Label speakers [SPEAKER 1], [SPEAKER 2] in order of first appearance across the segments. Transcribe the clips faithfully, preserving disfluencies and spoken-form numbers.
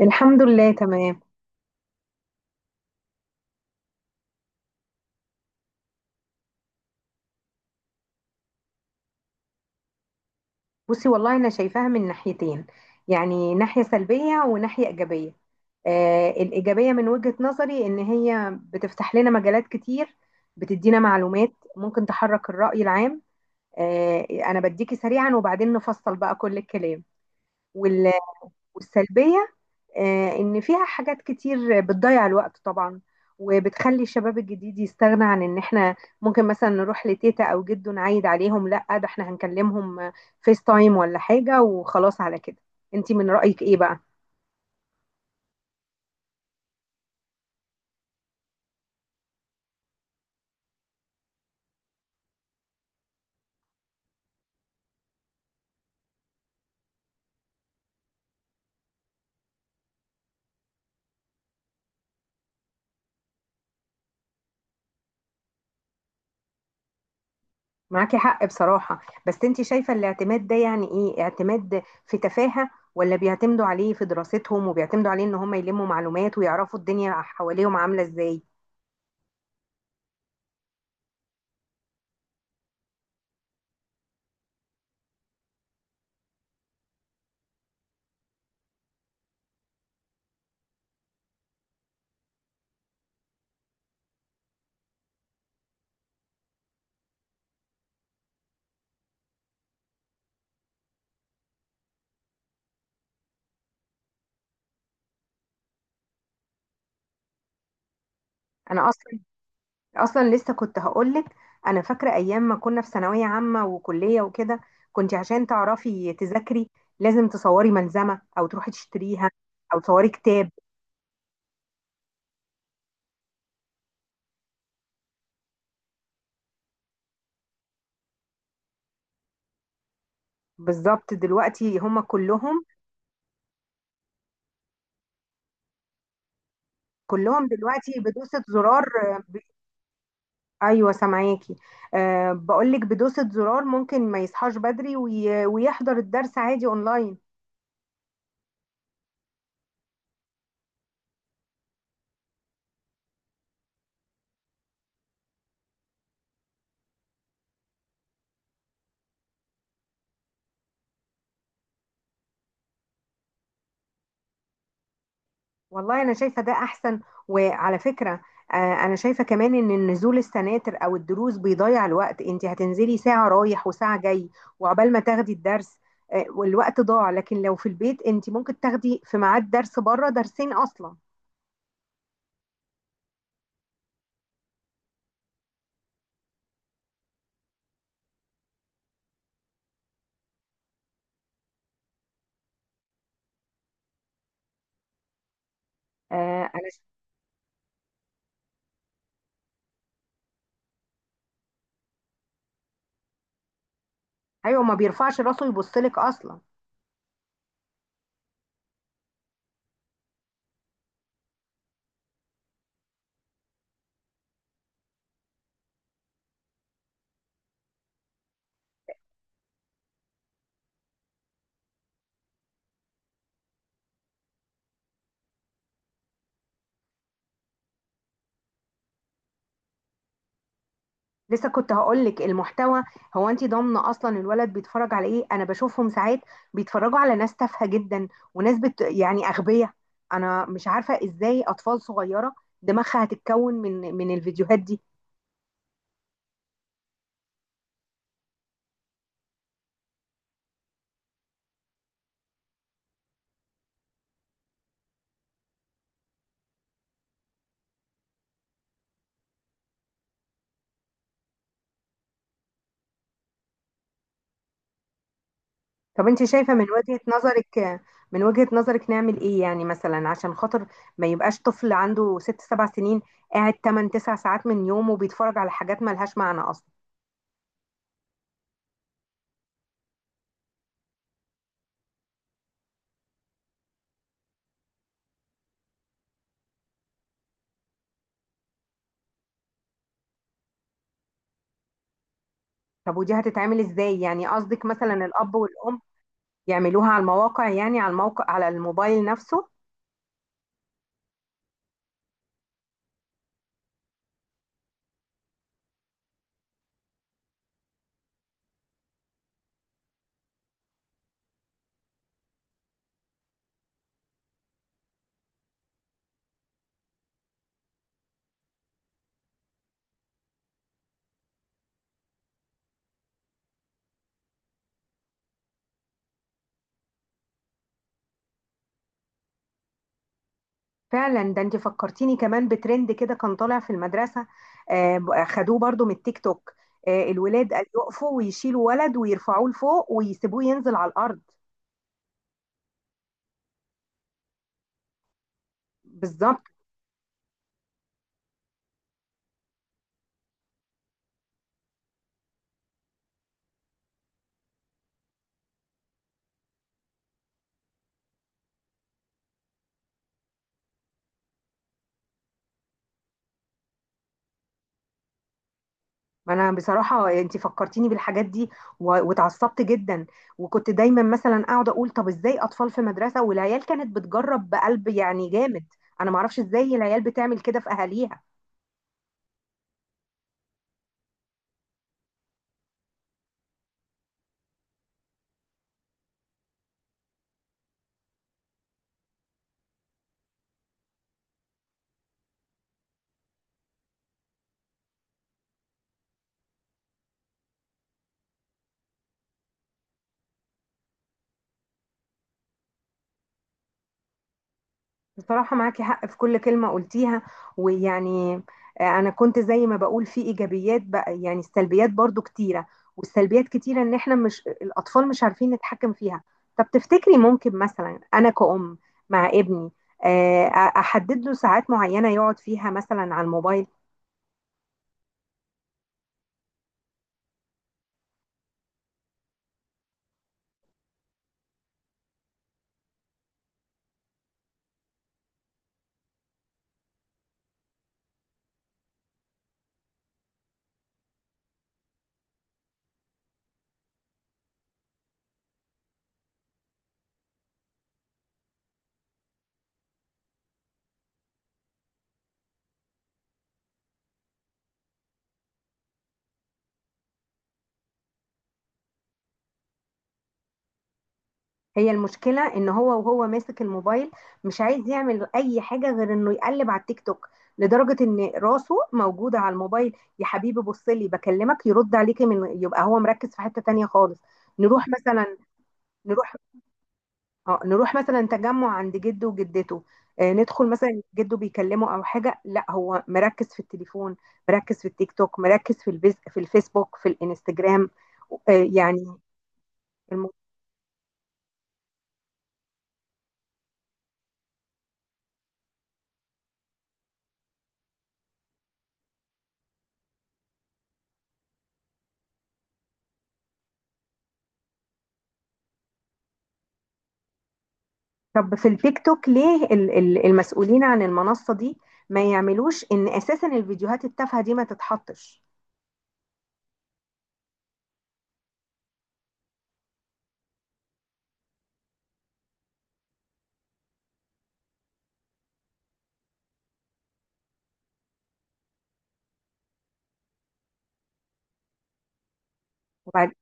[SPEAKER 1] الحمد لله، تمام. بصي، والله انا شايفاها من ناحيتين، يعني ناحية سلبية وناحية إيجابية. آه، الإيجابية من وجهة نظري إن هي بتفتح لنا مجالات كتير، بتدينا معلومات ممكن تحرك الرأي العام. آه، أنا بديكي سريعا وبعدين نفصل بقى كل الكلام. والسلبية، آه، إن فيها حاجات كتير بتضيع الوقت طبعا، وبتخلي الشباب الجديد يستغنى عن إن إحنا ممكن مثلا نروح لتيتا أو جدو نعيد عليهم، لأ ده إحنا هنكلمهم فيس تايم ولا حاجة وخلاص على كده. أنتي من رأيك إيه بقى؟ معاكي حق بصراحة. بس أنتي شايفة الاعتماد ده يعني إيه؟ اعتماد في تفاهة ولا بيعتمدوا عليه في دراستهم وبيعتمدوا عليه إن هم يلموا معلومات ويعرفوا الدنيا حواليهم عاملة إزاي؟ أنا أصلا اصلا لسه كنت هقولك، انا فاكره ايام ما كنا في ثانويه عامه وكليه وكده، كنت عشان تعرفي تذاكري لازم تصوري ملزمه او تروحي تشتريها او تصوري كتاب. بالظبط. دلوقتي هم كلهم كلهم دلوقتي بدوسه زرار آه، ب... ايوه، سامعاكي. أه، بقولك بدوسه زرار ممكن ما يصحاش بدري وي... ويحضر الدرس عادي اونلاين. والله انا شايفه ده احسن. وعلى فكره، آه، انا شايفه كمان ان النزول السناتر او الدروس بيضيع الوقت، انت هتنزلي ساعه رايح وساعه جاي وعقبال ما تاخدي الدرس، آه، والوقت ضاع. لكن لو في البيت انت ممكن تاخدي في ميعاد درس بره درسين اصلا. آه، انا ش- ايوه، ما بيرفعش راسه يبص لك اصلا. لسه كنت هقولك المحتوى. هو انت ضامنه اصلا الولد بيتفرج على ايه؟ انا بشوفهم ساعات بيتفرجوا على ناس تافهه جدا، وناس بت يعني اغبياء. انا مش عارفه ازاي اطفال صغيره دماغها هتتكون من من الفيديوهات دي. طب انت شايفه من وجهه نظرك من وجهه نظرك نعمل ايه؟ يعني مثلا عشان خاطر ما يبقاش طفل عنده ست سبع سنين قاعد تمن تسع ساعات من يومه بيتفرج على حاجات ملهاش معنى اصلا. طب ودي هتتعمل ازاي؟ يعني قصدك مثلا الاب والام يعملوها على المواقع، يعني على الموقع على الموبايل نفسه؟ فعلا، ده انت فكرتيني كمان بترند كده كان طالع في المدرسة، آه، ب- خدوه برضو من التيك توك، آه، الولاد قال يقفوا ويشيلوا ولد ويرفعوه لفوق ويسيبوه ينزل على الأرض. بالظبط. ما انا بصراحة انت فكرتيني بالحاجات دي و- واتعصبت جدا، وكنت دايما مثلا اقعد اقول طب ازاي اطفال في مدرسة والعيال كانت بتجرب بقلب يعني جامد. انا ما اعرفش ازاي العيال بتعمل كده في اهاليها. بصراحة معاكي حق في كل كلمة قلتيها. ويعني، آه، أنا كنت زي ما بقول في إيجابيات، بقى يعني السلبيات برضو كتيرة. والسلبيات كتيرة إن إحنا مش الأطفال مش عارفين نتحكم فيها. طب تفتكري ممكن مثلا أنا كأم مع ابني آه، أ- أحدد له ساعات معينة يقعد فيها مثلا على الموبايل؟ هي المشكلة ان هو وهو ماسك الموبايل مش عايز يعمل اي حاجة غير انه يقلب على التيك توك، لدرجة ان راسه موجودة على الموبايل. يا حبيبي، بص لي بكلمك يرد عليكي، من يبقى هو مركز في حتة تانية خالص. نروح مثلا نروح اه نروح مثلا تجمع عند جده وجدته، آه ندخل مثلا جده بيكلمه او حاجة، لا هو مركز في التليفون، مركز في التيك توك، مركز في البيز... في الفيسبوك، في الانستجرام، آه يعني. طب في التيك توك ليه ال- ال- المسؤولين عن المنصة دي ما يعملوش ان اساسا الفيديوهات التافهة دي ما تتحطش؟ وبعد،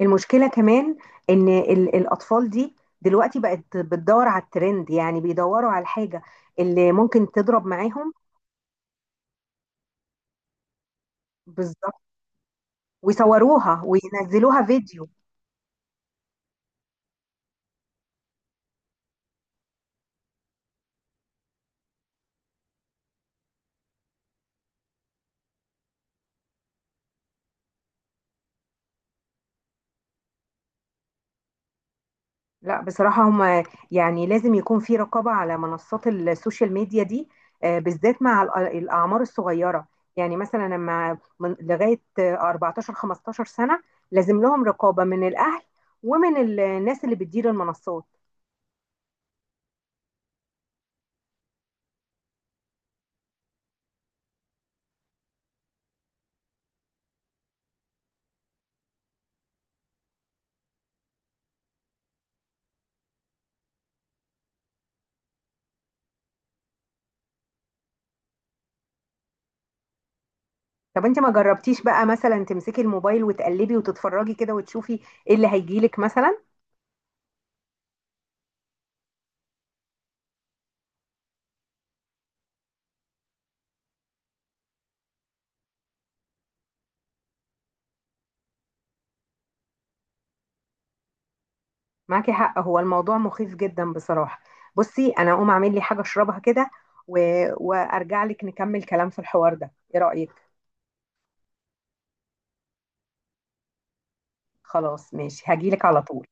[SPEAKER 1] المشكلة كمان ان ال- الاطفال دي دلوقتي بقت بتدور على الترند، يعني بيدوروا على الحاجة اللي ممكن تضرب معاهم. بالظبط. ويصوروها وينزلوها فيديو. لا بصراحة، هم يعني لازم يكون في رقابة على منصات السوشيال ميديا دي، آه، بالذات مع الأ- الأعمار الصغيرة، يعني مثلا لما من لغاية آه، اربعتاشر خمستاشر سنة لازم لهم رقابة من الأهل ومن ال- الناس اللي بتدير المنصات. طب انت ما جربتيش بقى مثلا تمسكي الموبايل وتقلبي وتتفرجي كده وتشوفي ايه اللي هيجيلك مثلا؟ معاكي حق، هو الموضوع مخيف جدا بصراحة. بصي انا اقوم اعمل لي حاجة اشربها كده و... وارجع لك نكمل كلام في الحوار ده. ايه رأيك؟ خلاص ماشي، هجيلك على طول.